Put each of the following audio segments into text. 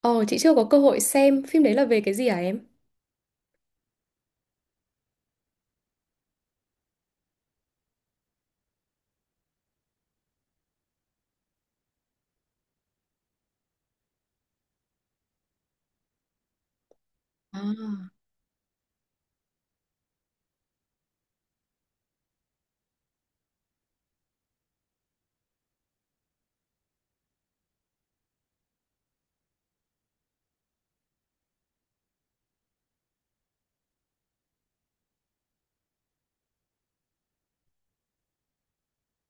Ồ, chị chưa có cơ hội xem phim đấy là về cái gì hả em? À.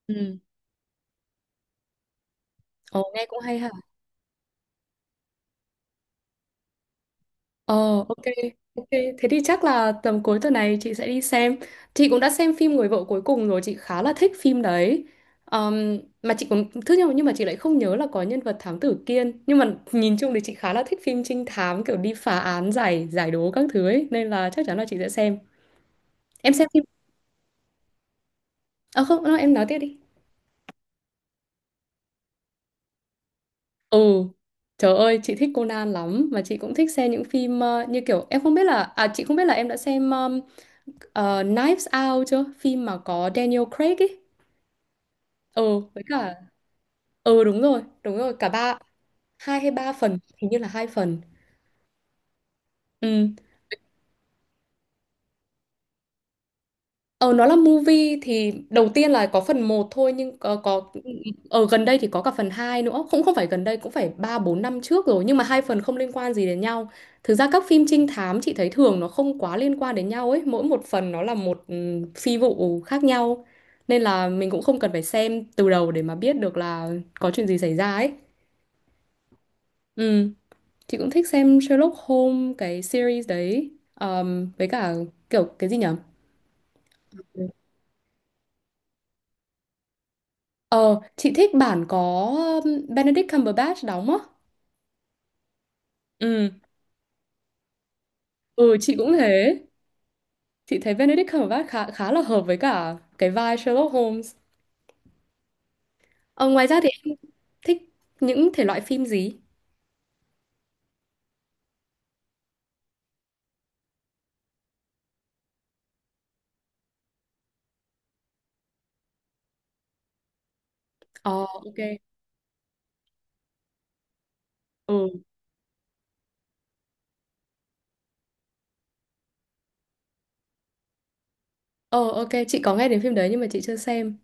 Ừ. Ồ, nghe cũng hay hả? Ồ, ok, ok. Thế thì chắc là tầm cuối tuần này chị sẽ đi xem. Chị cũng đã xem phim Người vợ cuối cùng rồi, chị khá là thích phim đấy. Mà chị cũng thứ nhưng mà chị lại không nhớ là có nhân vật thám tử Kiên. Nhưng mà nhìn chung thì chị khá là thích phim trinh thám kiểu đi phá án giải giải đố các thứ ấy, nên là chắc chắn là chị sẽ xem. Em xem phim. À không, không, em nói tiếp đi. Ừ, trời ơi, chị thích Conan lắm mà chị cũng thích xem những phim như kiểu em không biết là à chị không biết là em đã xem Knives Out chưa? Phim mà có Daniel Craig ấy. Ừ, với cả ừ đúng rồi, cả ba hai hay ba phần, hình như là hai phần. Ừ. Ờ nó là movie thì đầu tiên là có phần một thôi nhưng có ở gần đây thì có cả phần 2 nữa. Cũng không phải gần đây cũng phải 3 4 năm trước rồi nhưng mà hai phần không liên quan gì đến nhau. Thực ra các phim trinh thám chị thấy thường nó không quá liên quan đến nhau ấy, mỗi một phần nó là một phi vụ khác nhau. Nên là mình cũng không cần phải xem từ đầu để mà biết được là có chuyện gì xảy ra ấy. Ừ, chị cũng thích xem Sherlock Holmes cái series đấy. Với cả kiểu cái gì nhỉ? Ờ, chị thích bản có Benedict Cumberbatch đóng á. Ừ, ừ chị cũng thế. Chị thấy Benedict Cumberbatch khá khá là hợp với cả cái vai Sherlock Holmes. Ờ, ngoài ra thì em thích những thể loại phim gì? Ờ, ok. Ừ. Ờ, ok, chị có nghe đến phim đấy nhưng mà chị chưa xem.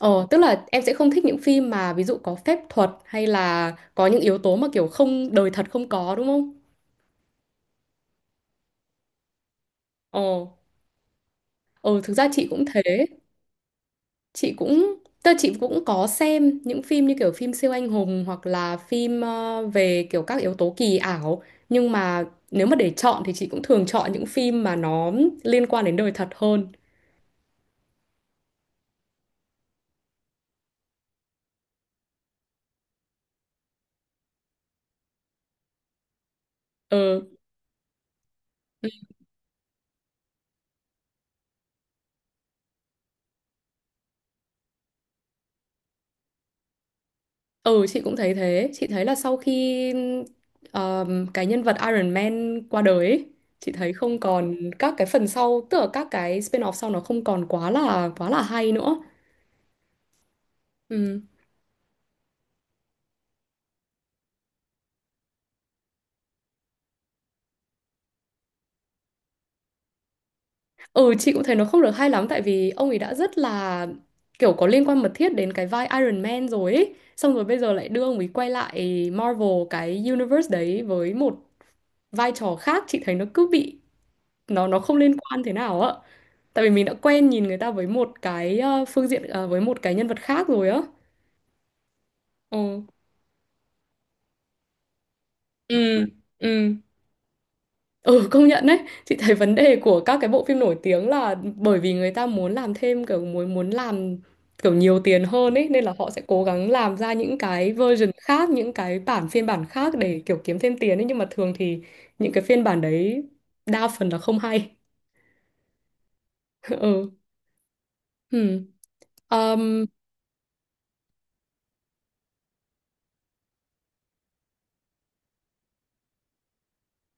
Ờ, tức là em sẽ không thích những phim mà ví dụ có phép thuật hay là có những yếu tố mà kiểu không đời thật không có đúng không? Ờ, ừ, thực ra chị cũng thế. Chị cũng tức là chị cũng có xem những phim như kiểu phim siêu anh hùng hoặc là phim về kiểu các yếu tố kỳ ảo nhưng mà nếu mà để chọn thì chị cũng thường chọn những phim mà nó liên quan đến đời thật hơn ừ ừ chị cũng thấy thế chị thấy là sau khi cái nhân vật Iron Man qua đời ấy, chị thấy không còn các cái phần sau tức là các cái spin-off sau nó không còn quá là hay nữa ừ Ừ chị cũng thấy nó không được hay lắm tại vì ông ấy đã rất là kiểu có liên quan mật thiết đến cái vai Iron Man rồi ấy. Xong rồi bây giờ lại đưa ông ấy quay lại Marvel cái universe đấy với một vai trò khác chị thấy nó cứ bị nó không liên quan thế nào ạ. Tại vì mình đã quen nhìn người ta với một cái phương diện với một cái nhân vật khác rồi á. Ừ. Ừ, ừ. Ừ công nhận đấy Chị thấy vấn đề của các cái bộ phim nổi tiếng là Bởi vì người ta muốn làm thêm kiểu muốn muốn làm kiểu nhiều tiền hơn ấy Nên là họ sẽ cố gắng làm ra những cái version khác Những cái bản phiên bản khác để kiểu kiếm thêm tiền ấy Nhưng mà thường thì những cái phiên bản đấy Đa phần là không hay Ừ ừ. Um,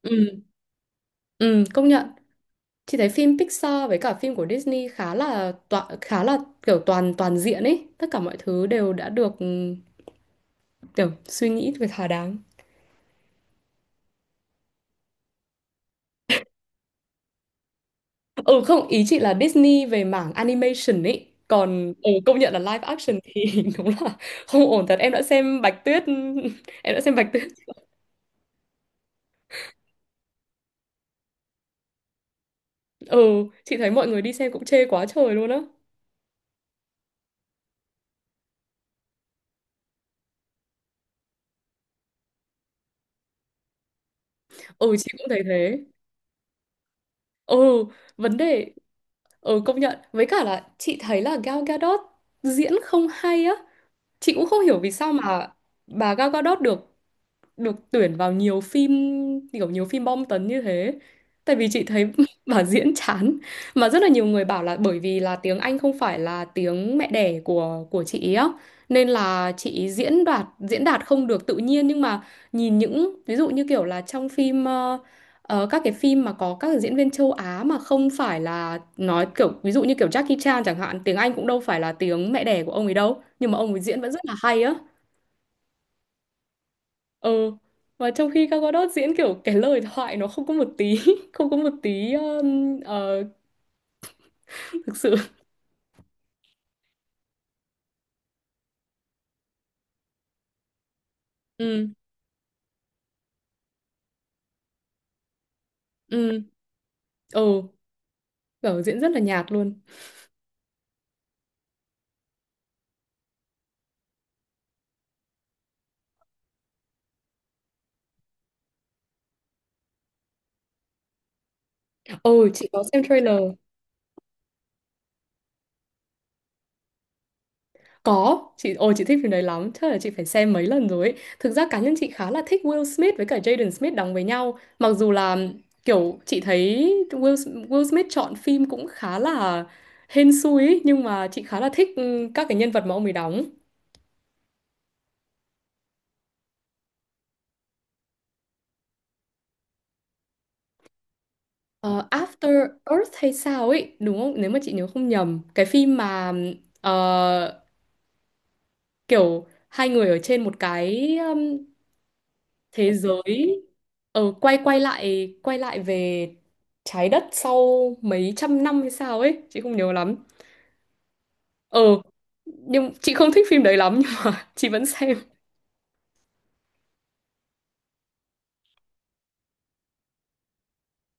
ừ. ừ công nhận Chị thấy phim Pixar với cả phim của Disney khá là tọa, khá là kiểu toàn toàn diện ấy Tất cả mọi thứ đều đã được kiểu suy nghĩ về thỏa đáng ừ không ý chị là Disney về mảng animation ấy còn công nhận là live action thì đúng là không ổn thật em đã xem Bạch Tuyết em đã xem Bạch Tuyết ừ chị thấy mọi người đi xem cũng chê quá trời luôn á ừ chị cũng thấy thế ừ vấn đề ừ công nhận với cả là chị thấy là Gal Gadot diễn không hay á Chị cũng không hiểu vì sao mà bà Gal Gadot được được tuyển vào nhiều phim kiểu nhiều phim bom tấn như thế. Tại vì chị thấy bà diễn chán mà rất là nhiều người bảo là bởi vì là tiếng Anh không phải là tiếng mẹ đẻ của chị ý á nên là chị ý diễn đạt không được tự nhiên nhưng mà nhìn những ví dụ như kiểu là trong phim các cái phim mà có các diễn viên châu Á mà không phải là nói kiểu ví dụ như kiểu Jackie Chan chẳng hạn tiếng Anh cũng đâu phải là tiếng mẹ đẻ của ông ấy đâu nhưng mà ông ấy diễn vẫn rất là hay á ừ mà trong khi Gal Gadot diễn kiểu cái lời thoại nó không có một tí không có một tí thực sự ừ ừ ừ kiểu diễn rất là nhạt luôn ừ chị có xem trailer có chị ồ chị thích phim đấy lắm chắc là chị phải xem mấy lần rồi ấy. Thực ra cá nhân chị khá là thích Will Smith với cả Jaden Smith đóng với nhau mặc dù là kiểu chị thấy Will Smith chọn phim cũng khá là hên xui ấy, nhưng mà chị khá là thích các cái nhân vật mà ông ấy đóng Ờ, After Earth hay sao ấy đúng không nếu mà chị nhớ không nhầm cái phim mà ờ, kiểu hai người ở trên một cái thế giới quay quay lại về trái đất sau mấy trăm năm hay sao ấy chị không nhớ lắm ờ nhưng chị không thích phim đấy lắm nhưng mà chị vẫn xem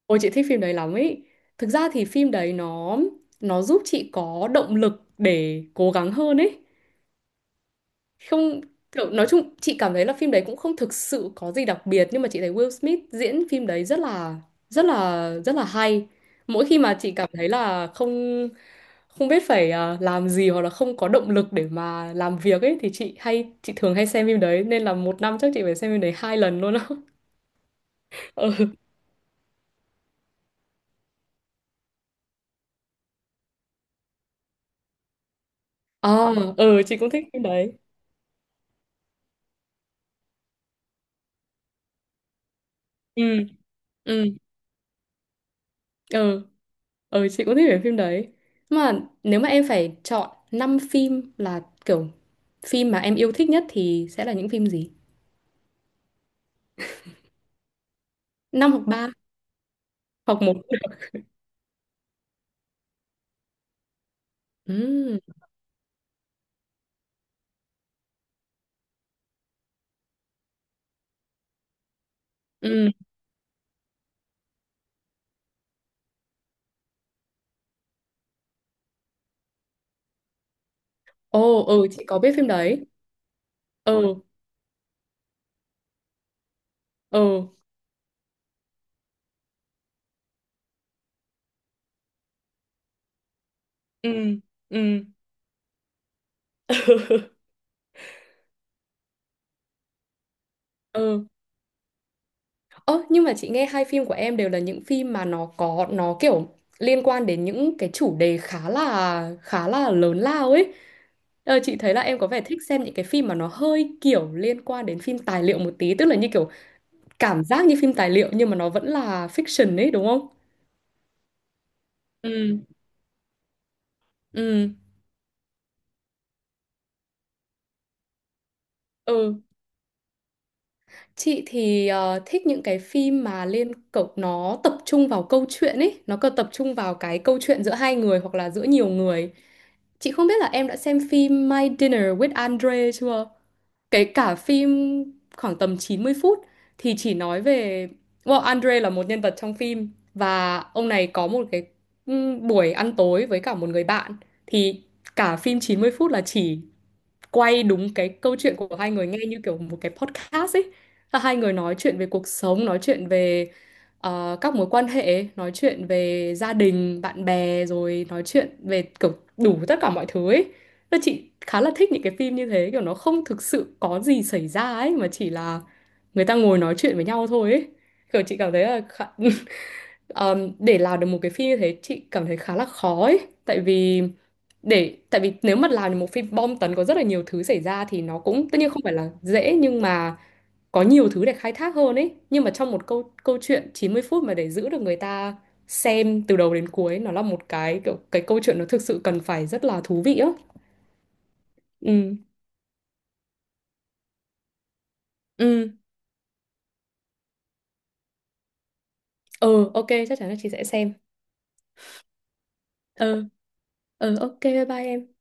ôi chị thích phim đấy lắm ấy thực ra thì phim đấy nó giúp chị có động lực để cố gắng hơn ấy không kiểu nói chung chị cảm thấy là phim đấy cũng không thực sự có gì đặc biệt nhưng mà chị thấy Will Smith diễn phim đấy rất là hay mỗi khi mà chị cảm thấy là không không biết phải làm gì hoặc là không có động lực để mà làm việc ấy thì chị thường hay xem phim đấy nên là một năm chắc chị phải xem phim đấy hai lần luôn á ừ. ờ ừ chị cũng thích phim đấy ừ ừ ừ Ừ chị cũng thích về phim đấy Mà nếu mà em phải chọn 5 phim là kiểu Phim mà em yêu thích nhất thì sẽ là những phim gì? Năm hoặc ba hoặc một. Ừ. ừ. Ồ ừ chị có biết phim đấy Ừ ừ ừ ừ ừ Ơ nhưng mà chị nghe hai phim của em đều là những phim mà nó có nó kiểu liên quan đến những cái chủ đề khá là lớn lao ấy. Ờ, chị thấy là em có vẻ thích xem những cái phim mà nó hơi kiểu liên quan đến phim tài liệu một tí, tức là như kiểu cảm giác như phim tài liệu nhưng mà nó vẫn là fiction ấy đúng không? Ừ. Ừ. Ừ. Chị thì thích những cái phim mà liên cậu nó tập trung vào câu chuyện ấy, nó còn tập trung vào cái câu chuyện giữa hai người hoặc là giữa nhiều người. Chị không biết là em đã xem phim My Dinner with Andre chưa? Cái cả phim khoảng tầm 90 phút thì chỉ nói về well, Andre là một nhân vật trong phim và ông này có một cái buổi ăn tối với cả một người bạn thì cả phim 90 phút là chỉ quay đúng cái câu chuyện của hai người nghe như kiểu một cái podcast ấy là hai người nói chuyện về cuộc sống, nói chuyện về các mối quan hệ, nói chuyện về gia đình, bạn bè, rồi nói chuyện về kiểu đủ tất cả mọi thứ ấy. Nên chị khá là thích những cái phim như thế, kiểu nó không thực sự có gì xảy ra ấy, mà chỉ là người ta ngồi nói chuyện với nhau thôi ấy. Kiểu chị cảm thấy là khá... để làm được một cái phim như thế chị cảm thấy khá là khó ấy. Tại vì tại vì nếu mà làm được một phim bom tấn có rất là nhiều thứ xảy ra thì nó cũng tất nhiên không phải là dễ nhưng mà có nhiều thứ để khai thác hơn ấy nhưng mà trong một câu câu chuyện 90 phút mà để giữ được người ta xem từ đầu đến cuối nó là một cái kiểu cái câu chuyện nó thực sự cần phải rất là thú vị á ừ ừ ừ ok chắc chắn là chị sẽ xem ừ ừ ok bye bye em